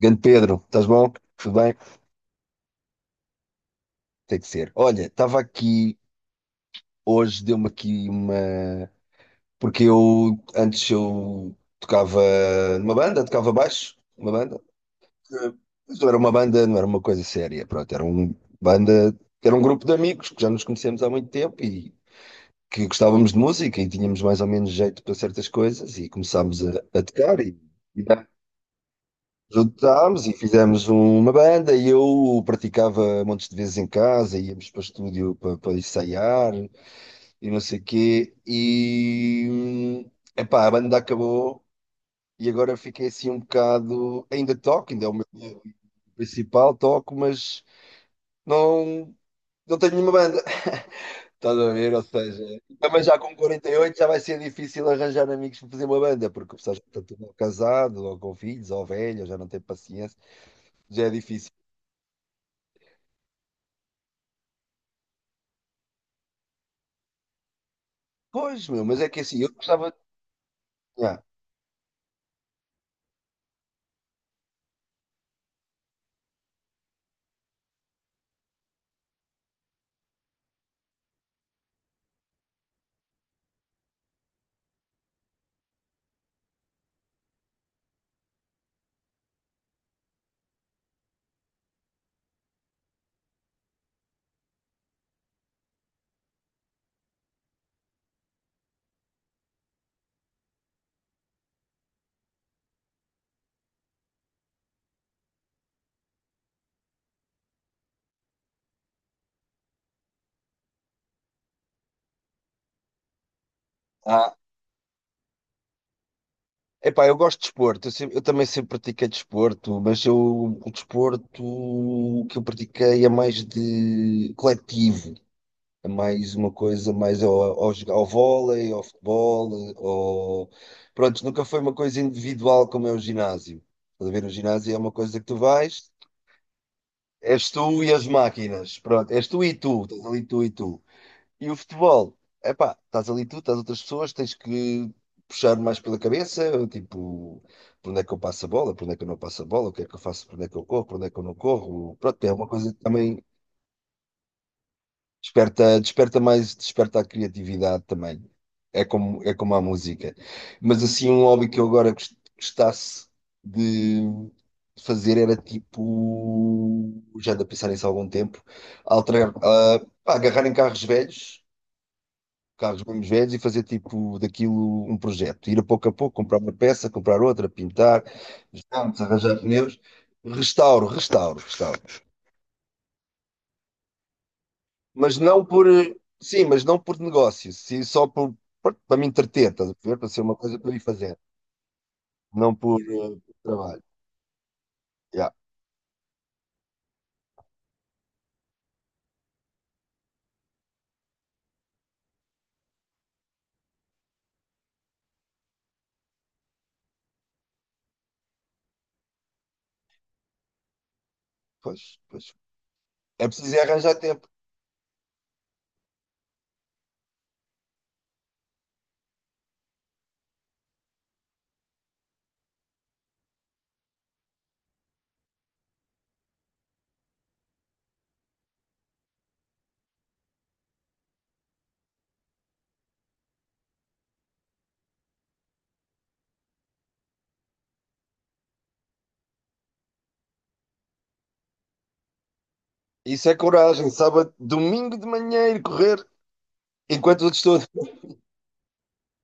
Grande Pedro, estás bom? Tudo bem? Tem que ser. Olha, estava aqui hoje, deu-me aqui uma. Porque eu antes eu tocava numa banda, tocava baixo, uma banda. Mas não era uma banda, não era uma coisa séria, pronto, banda, era um grupo de amigos que já nos conhecemos há muito tempo e que gostávamos de música e tínhamos mais ou menos jeito para certas coisas e começámos a tocar e juntámos e fizemos uma banda, e eu praticava montes de vezes em casa, íamos para o estúdio para ensaiar e não sei o quê. E epá, a banda acabou e agora fiquei assim um bocado. Ainda toco, ainda é o meu principal, toco, mas não, não tenho nenhuma banda. Estás a ver? Ou seja, também já com 48 já vai ser difícil arranjar amigos para fazer uma banda, porque o pessoal já está tudo casado, ou com filhos, ou velho, já não tem paciência, já é difícil. Pois, meu, mas é que assim, eu gostava. Yeah. Ah, epá, eu gosto de desporto, eu, eu também sempre pratiquei desporto, mas eu, o desporto que eu pratiquei é mais de coletivo, é mais uma coisa mais ao vôlei, ao futebol, ao... Pronto, nunca foi uma coisa individual como é o ginásio. Estás a ver, o ginásio é uma coisa que tu vais, és tu e as máquinas, pronto, és tu e tu, estás ali tu e tu. E o futebol, epá, estás ali tu, estás outras pessoas, tens que puxar mais pela cabeça, tipo, por onde é que eu passo a bola, por onde é que eu não passo a bola, o que é que eu faço, por onde é que eu corro, por onde é que eu não corro. Pronto, é uma coisa que também desperta, desperta mais, desperta a criatividade também. É como a música. Mas assim, um hobby que eu agora gostasse de fazer era tipo, já ando a pensar nisso há algum tempo, alterar, pá, agarrar em carros velhos, carros mesmo velhos, e fazer tipo daquilo um projeto. Ir a pouco, comprar uma peça, comprar outra, pintar, juntos, arranjar pneus, restauro, restauro, restauro. Mas não por, eh, sim, mas não por negócio, sim, só por, para me entreter, estás a ver? Para ser uma coisa para eu ir fazer, não por trabalho. Yeah, pois, pois. É preciso é arranjar tempo. Isso é coragem, sábado, domingo de manhã ir correr, enquanto os outros estão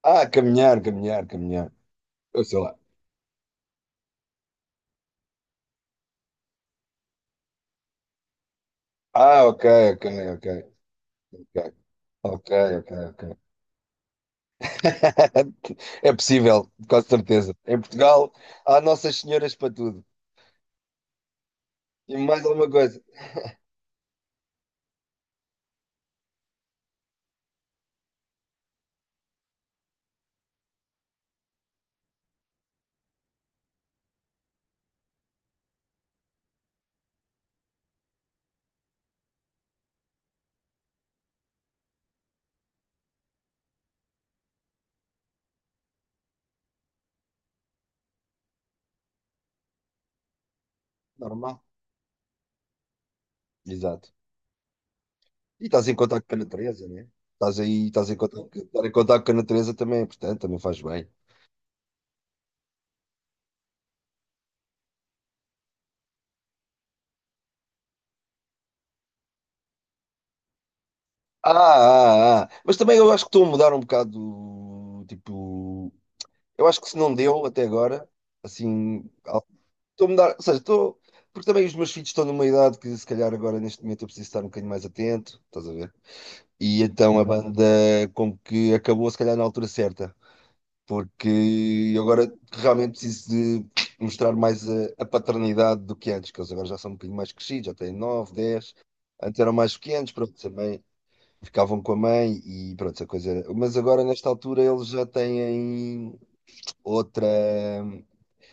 a... Ah, caminhar, caminhar, caminhar. Eu sei lá. Ah, ok, ok, ok. Ok. Ok, ok, ok. É possível, com certeza. Em Portugal há Nossas Senhoras para tudo. E mais alguma coisa. Normal. Exato. E estás em contacto com a natureza, não é? Estás aí, estás em contacto, estar em contacto com a natureza também é importante, também faz bem. Ah, ah, ah. Mas também eu acho que estou a mudar um bocado, tipo, eu acho que se não deu até agora, assim, estou a mudar, ou seja, estou, porque também os meus filhos estão numa idade que se calhar agora neste momento eu preciso estar um bocadinho mais atento, estás a ver? E então a banda como que acabou se calhar na altura certa, porque eu agora realmente preciso de mostrar mais a paternidade do que antes, que eles agora já são um bocadinho mais crescidos, já têm 9, 10. Antes eram mais pequenos, pronto, também ficavam com a mãe e pronto, essa coisa era. Mas agora nesta altura eles já têm outra.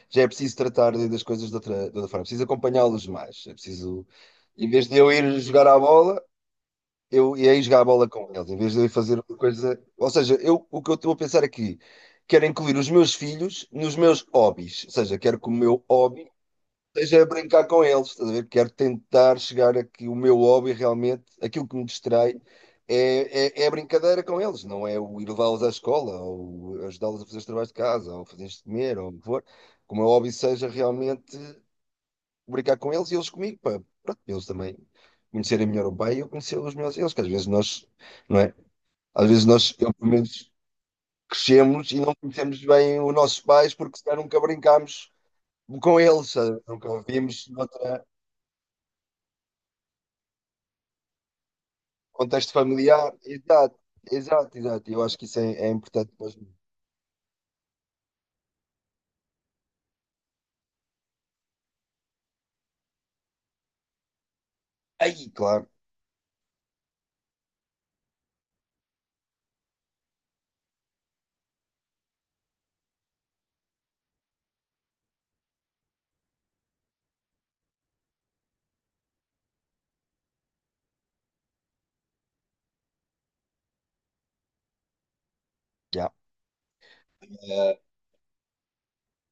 Já é preciso tratar das coisas de outra forma, é preciso acompanhá-los mais, é preciso. Em vez de eu ir jogar à bola, eu ia jogar a bola com eles, em vez de eu ir fazer uma coisa. Ou seja, eu, o que eu estou a pensar aqui, quero incluir os meus filhos nos meus hobbies. Ou seja, quero que o meu hobby seja brincar com eles. Estás a ver? Quero tentar chegar a que o meu hobby realmente, aquilo que me distrai, é a brincadeira com eles, não é o ir levá-los à escola, ou ajudá-los a fazer os trabalhos de casa, ou fazer de comer, ou o que for. Que o meu hobby seja realmente brincar com eles e eles comigo, pá. Pronto, eles também conhecerem melhor o pai e eu conhecer os meus eles, que às vezes nós, não é? Às vezes nós, eu, pelo menos, crescemos e não conhecemos bem os nossos pais porque se calhar nunca brincámos com eles, sabe? Nunca o vimos noutro contexto familiar. Exato, exato, exato. E eu acho que isso é, é importante para os miúdos. Aí, claro, já. Eh,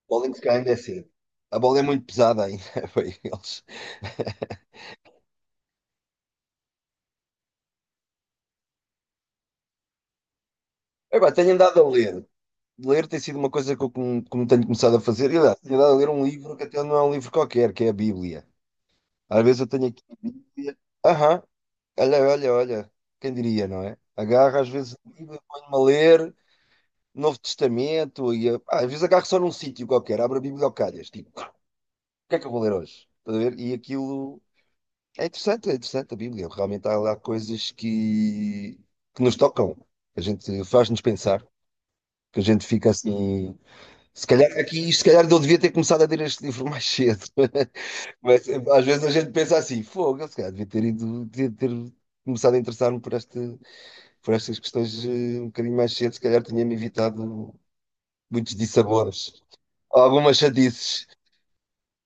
bowling se calhar ainda é cedo. A bola é muito pesada ainda para eles. Epá, tenho andado a ler. Ler tem sido uma coisa que eu como, como tenho começado a fazer. E aliás, tenho dado a ler um livro que até não é um livro qualquer, que é a Bíblia. Às vezes eu tenho aqui a Bíblia. Aham, olha, olha, olha. Quem diria, não é? Agarro às vezes a Bíblia, ponho-me a ler Novo Testamento e às vezes agarro só num sítio qualquer, abro a Bíblia ao calhas. Tipo, o que é que eu vou ler hoje? Estás a ver? E aquilo é interessante a Bíblia. Realmente há lá coisas que nos tocam, que a gente faz-nos pensar, que a gente fica assim. Se calhar aqui, se calhar eu devia ter começado a ler este livro mais cedo. Mas às vezes a gente pensa assim, fogo, eu se calhar devia ter ido, devia ter começado a interessar-me por por estas questões, um bocadinho mais cedo, se calhar tinha-me evitado muitos dissabores, algumas chatices,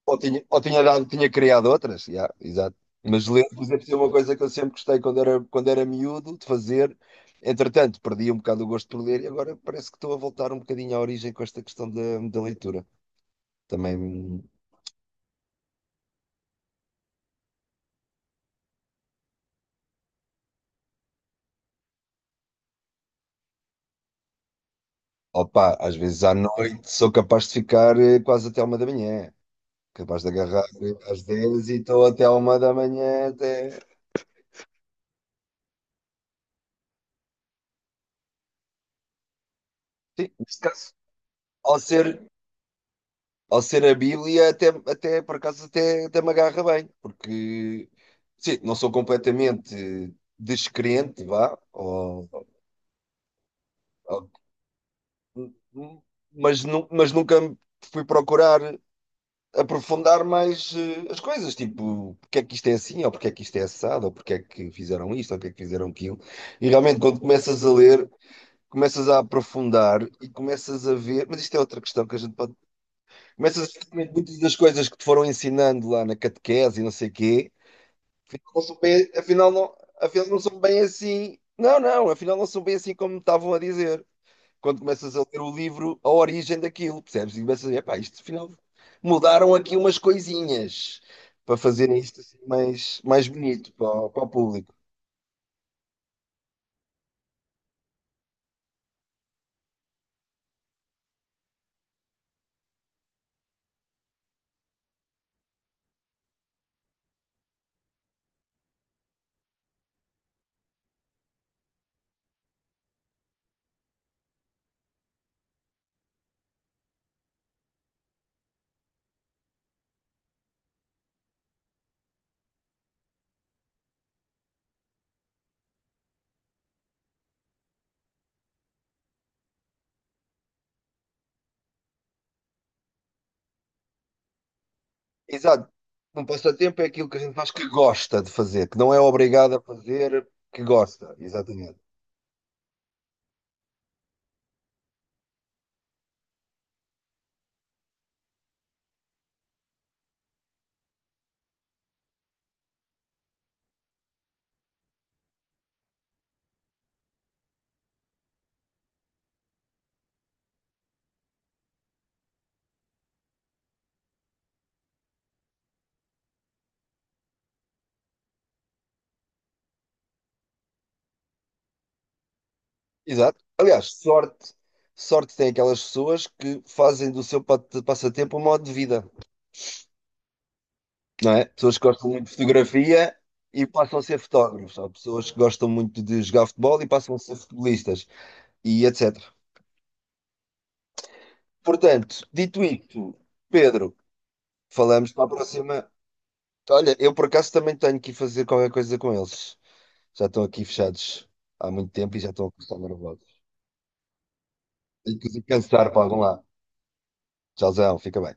ou tinha dado, tinha criado outras, já, exato. Mas ler, por exemplo, é uma coisa que eu sempre gostei quando era miúdo de fazer. Entretanto, perdi um bocado o gosto por ler e agora parece que estou a voltar um bocadinho à origem com esta questão da leitura. Também opa, às vezes à noite sou capaz de ficar quase até à 1 da manhã. Capaz de agarrar às 10 e estou até à 1 da manhã até. Sim, neste caso, ao ser, ao ser a Bíblia, até, até por acaso, até até me agarra bem, porque sim, não sou completamente descrente, vá, ou, mas, mas nunca fui procurar aprofundar mais as coisas, tipo, porque é que isto é assim, ou porque é que isto é assado, ou porque é que fizeram isto, ou porque é que fizeram aquilo. E realmente, quando começas a ler, começas a aprofundar e começas a ver. Mas isto é outra questão que a gente pode. Começas a ver que muitas das coisas que te foram ensinando lá na catequese e não sei o quê, afinal não são bem, afinal não são bem assim. Não, não, afinal não são bem assim como me estavam a dizer quando começas a ler o livro, a origem daquilo, percebes? E começas a ver, pá, isto afinal mudaram aqui umas coisinhas para fazerem isto assim mais, mais bonito para, para o público. Exato. Um passatempo é aquilo que a gente faz, que gosta de fazer, que não é obrigado a fazer, que gosta. Exatamente. Exato. Aliás, sorte, sorte tem aquelas pessoas que fazem do seu passatempo um modo de vida. Não é? Pessoas que gostam muito de fotografia e passam a ser fotógrafos, ou pessoas que gostam muito de jogar futebol e passam a ser futebolistas, e etc. Portanto, dito isto, Pedro, falamos para a próxima. Olha, eu por acaso também tenho que ir fazer qualquer coisa com eles. Já estão aqui fechados há muito tempo e já estão a começar nervosos. Tenho que os cansar para algum lado. Tchauzão, fica bem.